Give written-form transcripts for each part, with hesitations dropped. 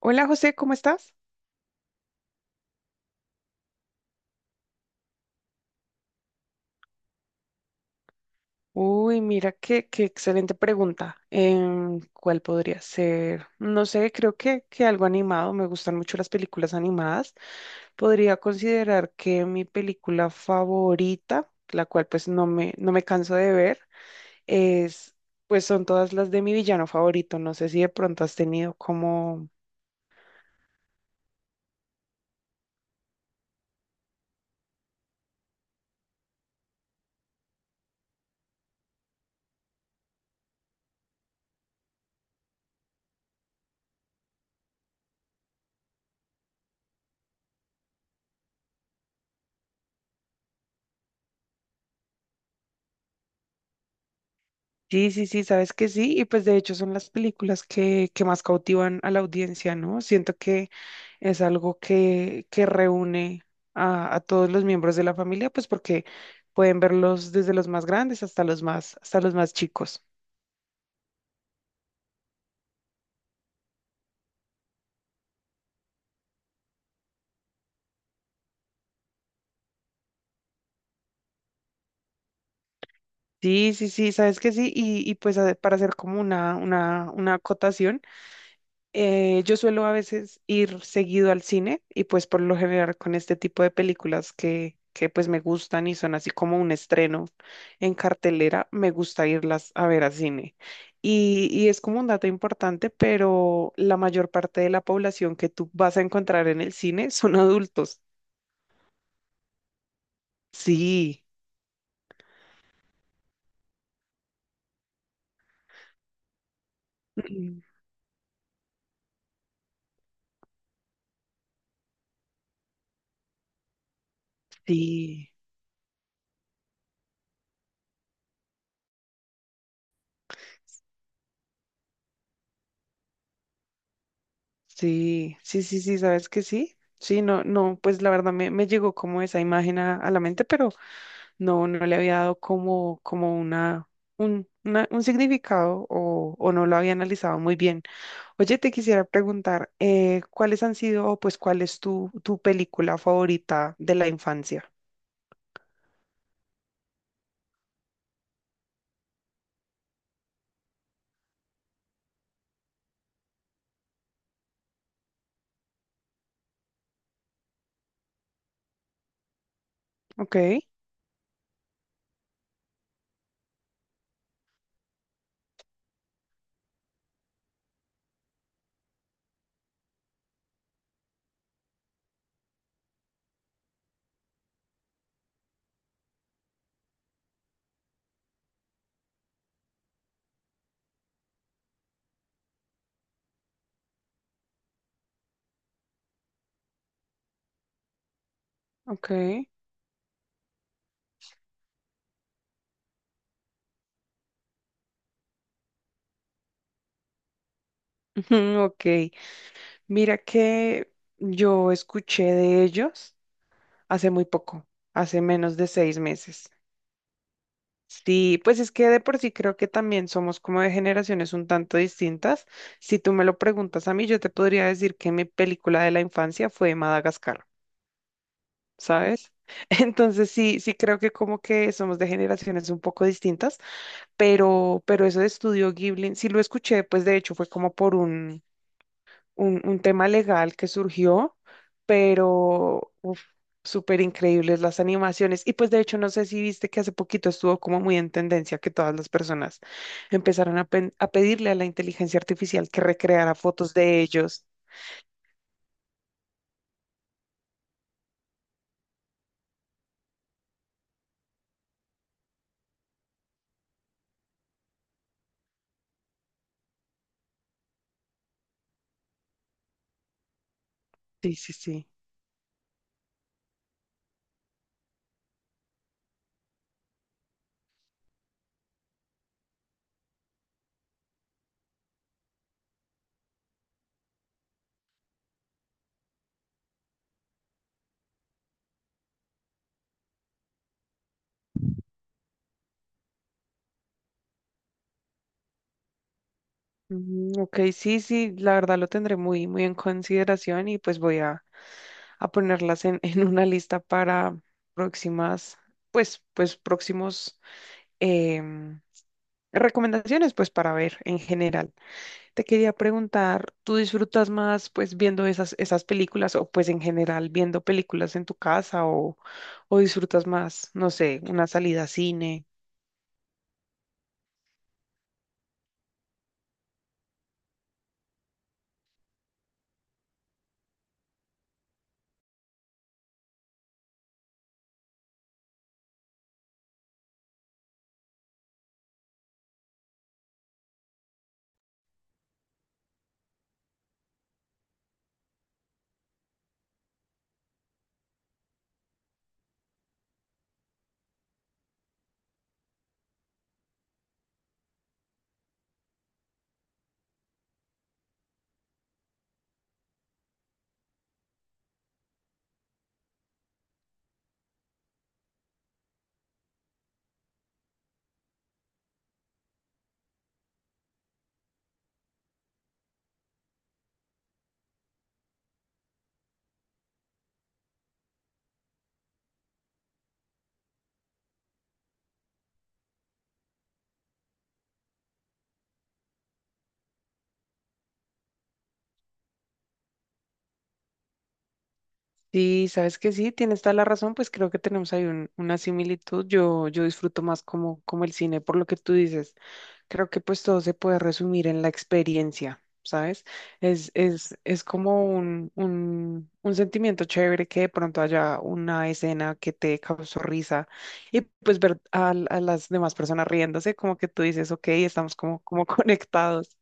Hola José, ¿cómo estás? Uy, mira qué excelente pregunta. ¿Cuál podría ser? No sé, creo que algo animado. Me gustan mucho las películas animadas. Podría considerar que mi película favorita, la cual pues no me canso de ver, es, pues son todas las de mi villano favorito. No sé si de pronto has tenido como. Sí, sabes que sí, y pues de hecho son las películas que más cautivan a la audiencia, ¿no? Siento que es algo que reúne a todos los miembros de la familia, pues porque pueden verlos desde los más grandes hasta los hasta los más chicos. Sí, sabes que sí, y pues para hacer como una acotación. Yo suelo a veces ir seguido al cine y pues por lo general con este tipo de películas que pues me gustan y son así como un estreno en cartelera, me gusta irlas a ver al cine. Y es como un dato importante, pero la mayor parte de la población que tú vas a encontrar en el cine son adultos. Sí, mm, sí, sí, ¿sabes que sí? Sí, no, no, pues la verdad me llegó como esa imagen a la mente, pero no, no le había dado como, como una, un significado o no lo había analizado muy bien. Oye, te quisiera preguntar, ¿cuáles han sido o pues cuál es tu película favorita de la infancia? Ok, ok. Ujú, ok, mira que yo escuché de ellos hace muy poco, hace menos de 6 meses. Sí, pues es que de por sí creo que también somos como de generaciones un tanto distintas. Si tú me lo preguntas a mí, yo te podría decir que mi película de la infancia fue Madagascar, ¿sabes? Entonces sí, sí creo que como que somos de generaciones un poco distintas, pero eso de Estudio Ghibli, sí lo escuché, pues de hecho fue como por un un tema legal que surgió, pero uf, súper increíbles las animaciones. Y pues de hecho, no sé si viste que hace poquito estuvo como muy en tendencia que todas las personas empezaron a pedirle a la inteligencia artificial que recreara fotos de ellos. Sí. Ujú, ok, sí, la verdad lo tendré muy en consideración y pues voy a ponerlas en, en una lista para próximas, pues próximos em, recomendaciones, pues para ver en general. Te quería preguntar, ¿tú disfrutas más pues viendo esas películas o pues en general viendo películas en tu casa o disfrutas más, no sé, una salida a cine? Sí, sabes que sí, tienes toda la razón, pues creo que tenemos ahí una similitud. Yo disfruto más como el cine, por lo que tú dices. Creo que pues todo se puede resumir en la experiencia, ¿sabes? Es como un sentimiento chévere que de pronto haya una escena que te causó risa y pues ver a las demás personas riéndose, como que tú dices, ok, estamos como conectados.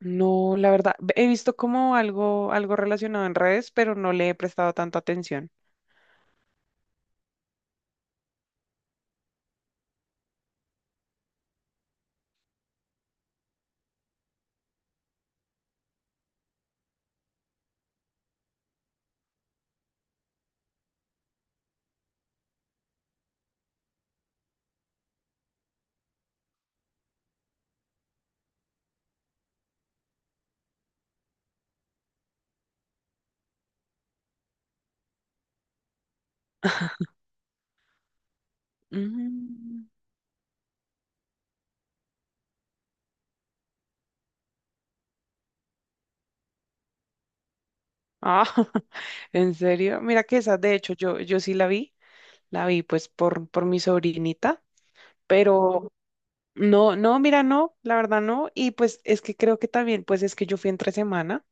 No, la verdad, he visto como algo relacionado en redes, pero no le he prestado tanta atención. Mm. Ah, ¿en serio? Mira que esa, de hecho, yo sí la vi. La vi pues por mi sobrinita, pero no, no, mira, no, la verdad no. Y pues es que creo que también, pues es que yo fui entre semana,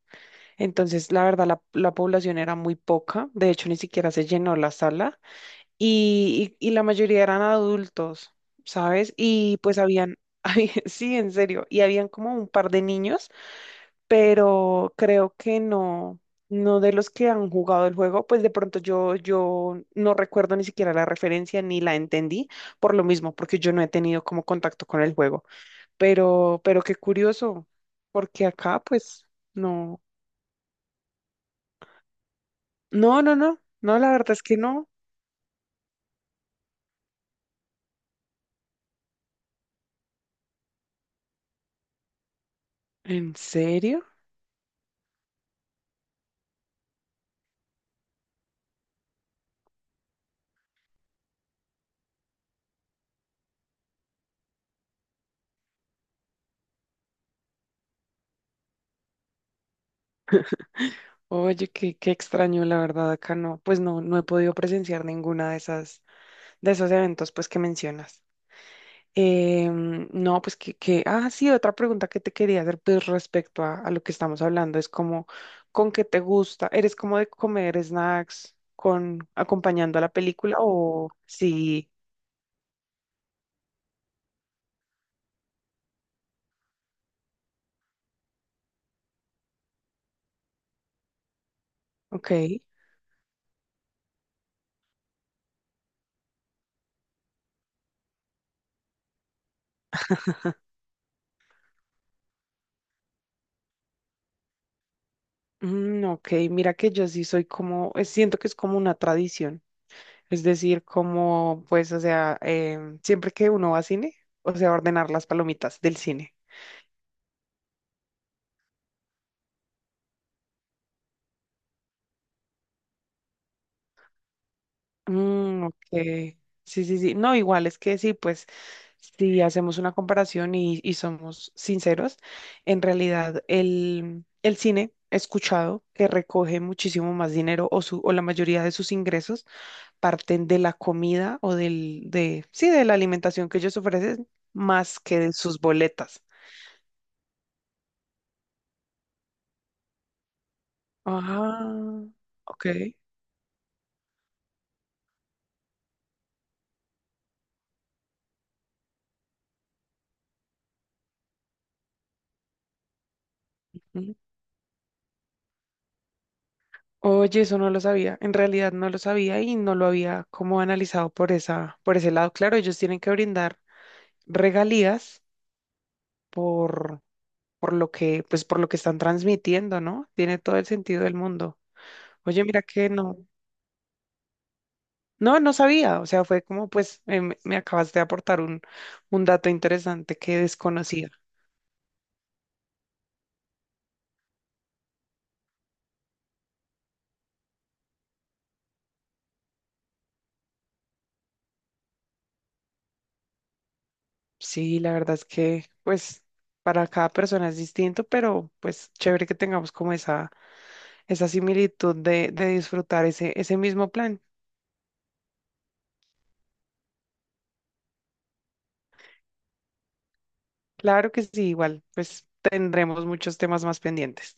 entonces la verdad la población era muy poca, de hecho ni siquiera se llenó la sala y la mayoría eran adultos, ¿sabes? Y pues habían, había- sí, en serio, y habían como un par de niños, pero creo que no, no de los que han jugado el juego, pues de pronto yo no recuerdo ni siquiera la referencia ni la entendí por lo mismo, porque yo no he tenido como contacto con el juego, pero qué curioso, porque acá pues no, no, no, no, no, la verdad es que no. ¿En serio? Oye, qué extraño, la verdad, acá no, pues no, no he podido presenciar ninguna de esas, de esos eventos pues que mencionas. No, pues sí, otra pregunta que te quería hacer, pues respecto a lo que estamos hablando, es como, ¿con qué te gusta? ¿Eres como de comer snacks con acompañando a la película o sí? Ok. Mm, ok, mira que yo sí soy como, siento que es como una tradición, es decir, como, pues, o sea, siempre que uno va a cine, o sea, ordenar las palomitas del cine. Mm, ok. Sí. No, igual es que sí, pues si hacemos una comparación y somos sinceros, en realidad el cine he escuchado que recoge muchísimo más dinero o, su, o la mayoría de sus ingresos parten de la comida o del, de, sí, de la alimentación que ellos ofrecen más que de sus boletas. Ah, ok. Oye, eso no lo sabía. En realidad no lo sabía y no lo había como analizado por esa, por ese lado. Claro, ellos tienen que brindar regalías por, por lo que, pues por lo que están transmitiendo, ¿no? Tiene todo el sentido del mundo. Oye, mira que no, no sabía. O sea, fue como, pues, me acabaste de aportar un dato interesante que desconocía. Sí, la verdad es que, pues, para cada persona es distinto, pero pues chévere que tengamos como esa esa similitud de disfrutar ese, ese mismo plan. Claro que sí, igual, pues tendremos muchos temas más pendientes.